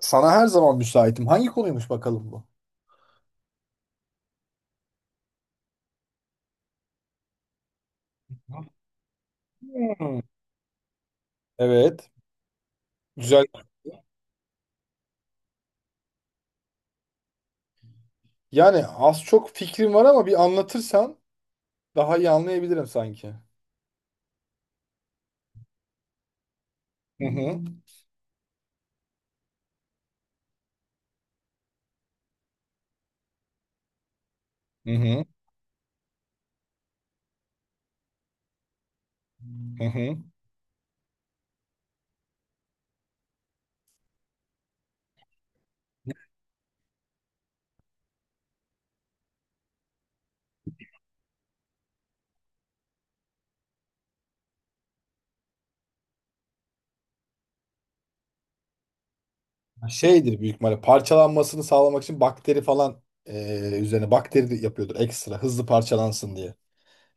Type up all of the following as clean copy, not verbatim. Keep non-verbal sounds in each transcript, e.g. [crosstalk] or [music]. Sana her zaman müsaitim. Hangi konuymuş bakalım bu? Hmm, evet. Güzel. Yani az çok fikrim var ama bir anlatırsan daha iyi anlayabilirim sanki. Hı hı. Hı hı. Hı hı. Şeydir büyük ihtimalle parçalanmasını sağlamak için bakteri falan üzerine bakteri de yapıyordur ekstra hızlı parçalansın diye.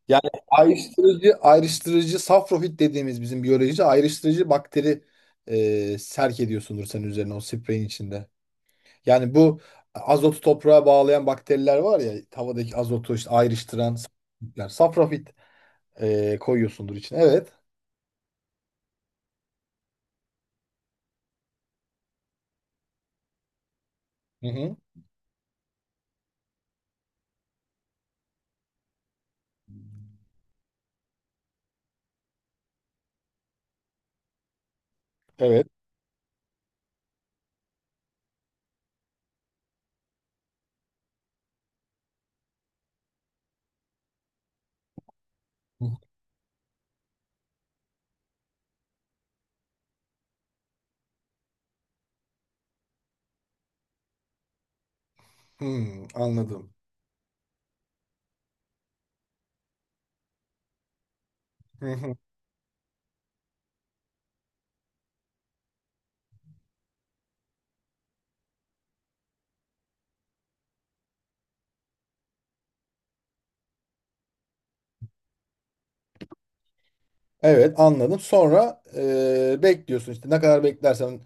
Yani ayrıştırıcı safrofit dediğimiz bizim biyolojici ayrıştırıcı bakteri serk ediyorsundur senin üzerine o spreyin içinde. Yani bu azotu toprağa bağlayan bakteriler var ya havadaki azotu işte ayrıştıran safrafitler. Safrafit koyuyorsundur içine. Evet. Hı hı. Evet. Hmm, anladım. Hı hı. Evet, anladım. Sonra bekliyorsun işte ne kadar beklersen.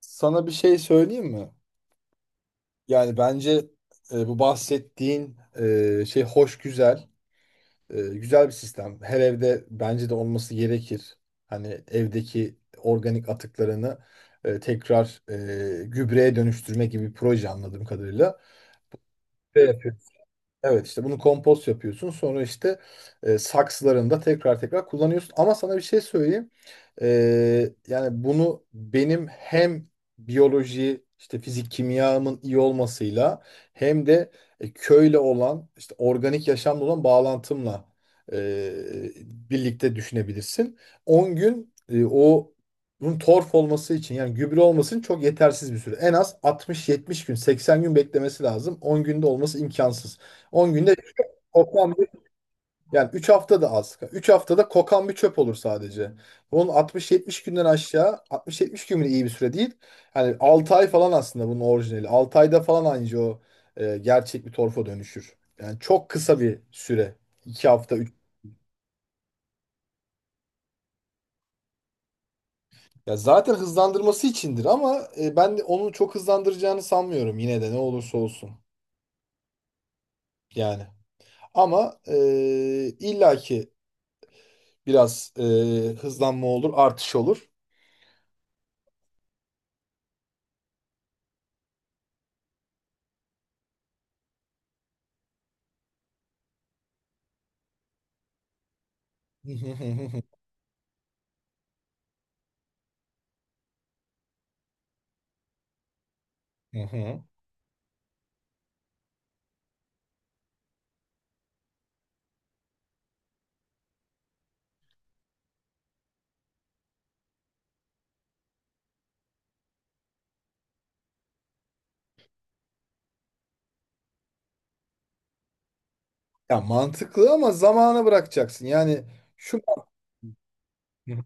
Sana bir şey söyleyeyim mi? Yani bence bu bahsettiğin şey hoş güzel. E, güzel bir sistem. Her evde bence de olması gerekir. Hani evdeki organik atıklarını tekrar gübreye dönüştürme gibi bir proje anladığım kadarıyla. Ve yapıyorsun. Evet, işte bunu kompost yapıyorsun. Sonra işte saksılarında tekrar tekrar kullanıyorsun. Ama sana bir şey söyleyeyim. Yani bunu benim hem biyoloji işte fizik kimyamın iyi olmasıyla hem de köyle olan işte organik yaşamla olan bağlantımla e, birlikte düşünebilirsin. 10 gün o bunun torf olması için yani gübre olması için çok yetersiz bir süre. En az 60-70 gün 80 gün beklemesi lazım. 10 günde olması imkansız. 10 günde toplam, yani 3 hafta da az. 3 haftada kokan bir çöp olur sadece. Bunun 60, 70 günden aşağı 60, 70 gün bile iyi bir süre değil. Yani 6 ay falan aslında bunun orijinali. 6 ayda falan anca o gerçek bir torfa dönüşür. Yani çok kısa bir süre. 2 hafta 3. Ya zaten hızlandırması içindir ama ben de onu çok hızlandıracağını sanmıyorum yine de ne olursa olsun. Yani ama illaki biraz hızlanma olur, artış olur. Hı hı hı hı hı hı. Ya mantıklı ama zamana bırakacaksın. Yani şu Hı hı.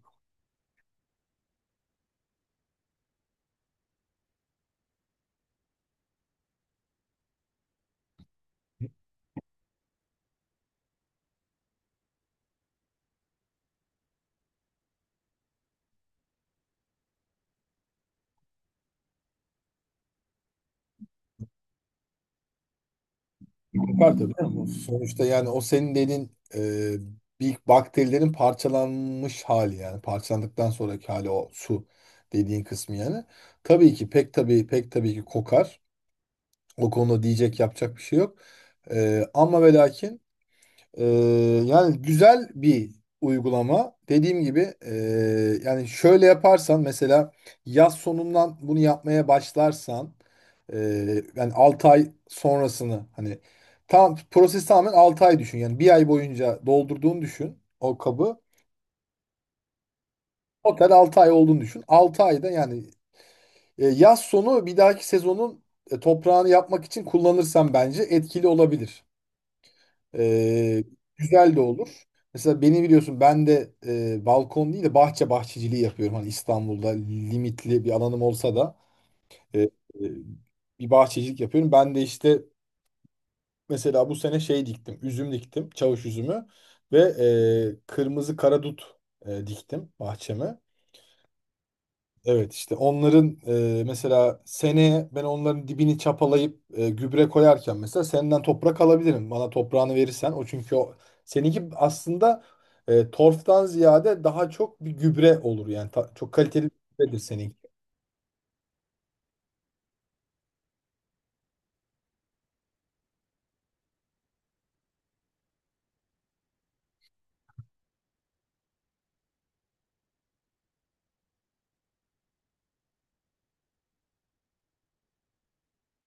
Var tabii ama sonuçta yani o senin dediğin bir bakterilerin parçalanmış hali, yani parçalandıktan sonraki hali o su dediğin kısmı yani. Tabii ki, pek tabii, pek tabii ki kokar. O konuda diyecek yapacak bir şey yok. E, ama ve lakin ee, yani güzel bir uygulama. Dediğim gibi yani şöyle yaparsan, mesela yaz sonundan bunu yapmaya başlarsan, e, yani 6 ay sonrasını, hani tam proses tamamen 6 ay düşün. Yani bir ay boyunca doldurduğunu düşün o kabı. Total 6 ay olduğunu düşün. 6 ayda, yani yaz sonu bir dahaki sezonun toprağını yapmak için kullanırsan bence etkili olabilir. Ee, Güzel de olur. Mesela beni biliyorsun, ben de balkon değil de bahçeciliği yapıyorum. Hani İstanbul'da limitli bir alanım olsa da e, e, bir bahçecilik yapıyorum. Ben de işte mesela bu sene şey diktim. Üzüm diktim. Çavuş üzümü ve kırmızı karadut diktim bahçeme. Evet, işte onların mesela seneye ben onların dibini çapalayıp gübre koyarken mesela senden toprak alabilirim. Bana toprağını verirsen, o çünkü o seninki aslında torftan ziyade daha çok bir gübre olur yani ta- çok kaliteli bir gübredir seninki.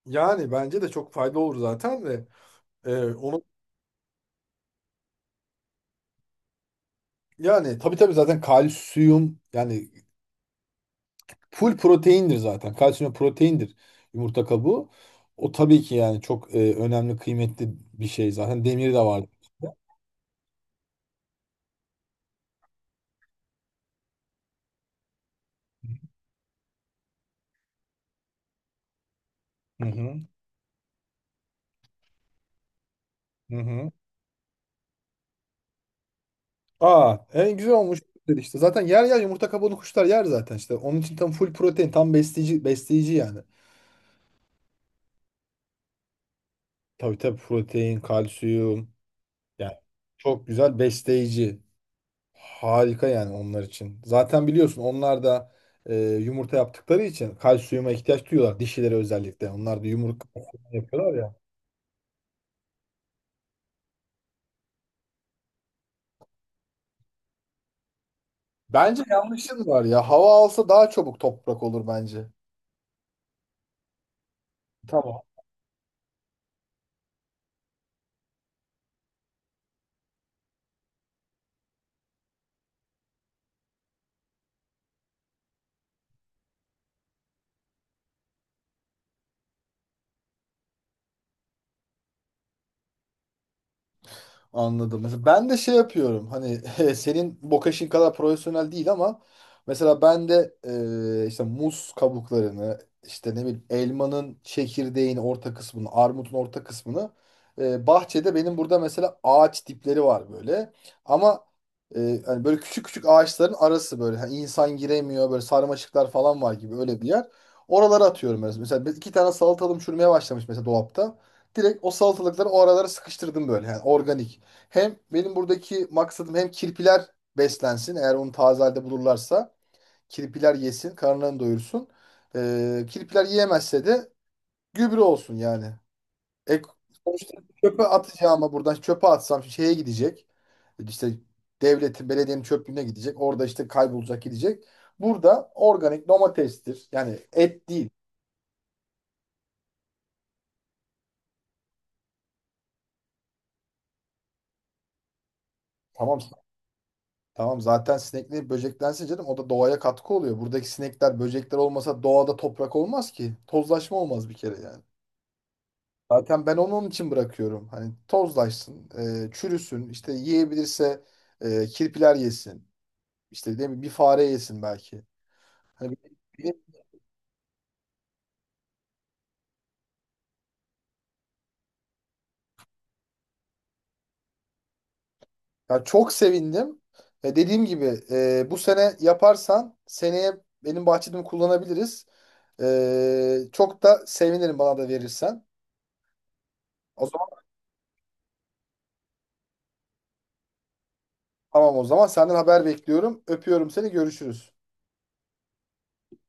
Yani bence de çok fayda olur zaten de onu yani tabii tabii zaten kalsiyum, yani full proteindir zaten. Kalsiyum proteindir, yumurta kabuğu. O tabii ki, yani çok önemli, kıymetli bir şey zaten, demiri de var. Hı hı. Hı hı. Aa, en güzel olmuş dedi işte. Zaten yer yer yumurta kabuğunu kuşlar yer zaten işte. Onun için tam full protein, tam besleyici yani. Tabii tabii, protein, kalsiyum yani çok güzel besleyici. Harika yani onlar için. Zaten biliyorsun onlar da yumurta yaptıkları için kalsiyuma ihtiyaç duyuyorlar, dişileri özellikle. Onlar da yumurta yapıyorlar ya. Bence yanlışın var ya. Hava alsa daha çabuk toprak olur bence. Tamam. Anladım. Mesela ben de şey yapıyorum. Hani [laughs] senin bokaşin kadar profesyonel değil ama mesela ben de işte muz kabuklarını, işte ne bileyim elmanın çekirdeğin orta kısmını, armutun orta kısmını, bahçede benim burada mesela ağaç dipleri var böyle. Ama hani böyle küçük küçük ağaçların arası, böyle hani insan giremiyor, böyle sarmaşıklar falan var gibi öyle bir yer. Oralara atıyorum mesela. Mesela iki tane salatalım çürümeye başlamış mesela dolapta, direkt o salatalıkları o aralara sıkıştırdım böyle. Yani organik. Hem benim buradaki maksadım hem kirpiler beslensin. Eğer onu taze halde bulurlarsa kirpiler yesin, karınlarını doyursun. Kirpiler yiyemezse de gübre olsun yani. E, sonuçta çöpe atacağıma buradan çöpe atsam şeye gidecek. İşte devletin, belediyenin çöplüğüne gidecek. Orada işte kaybolacak, gidecek. Burada organik domatestir. Yani et değil. Tamam. Tamam zaten sinekli böceklense canım, o da doğaya katkı oluyor. Buradaki sinekler, böcekler olmasa doğada toprak olmaz ki. Tozlaşma olmaz bir kere yani. Zaten ben onu onun için bırakıyorum. Hani tozlaşsın, çürüsün, işte yiyebilirse kirpiler yesin. İşte değil mi? Bir fare yesin belki. Hani bir- bir- Ya, çok sevindim. E, dediğim gibi bu sene yaparsan seneye benim bahçemi kullanabiliriz. E, çok da sevinirim bana da verirsen. O zaman Tamam o zaman senden haber bekliyorum. Öpüyorum seni. Görüşürüz.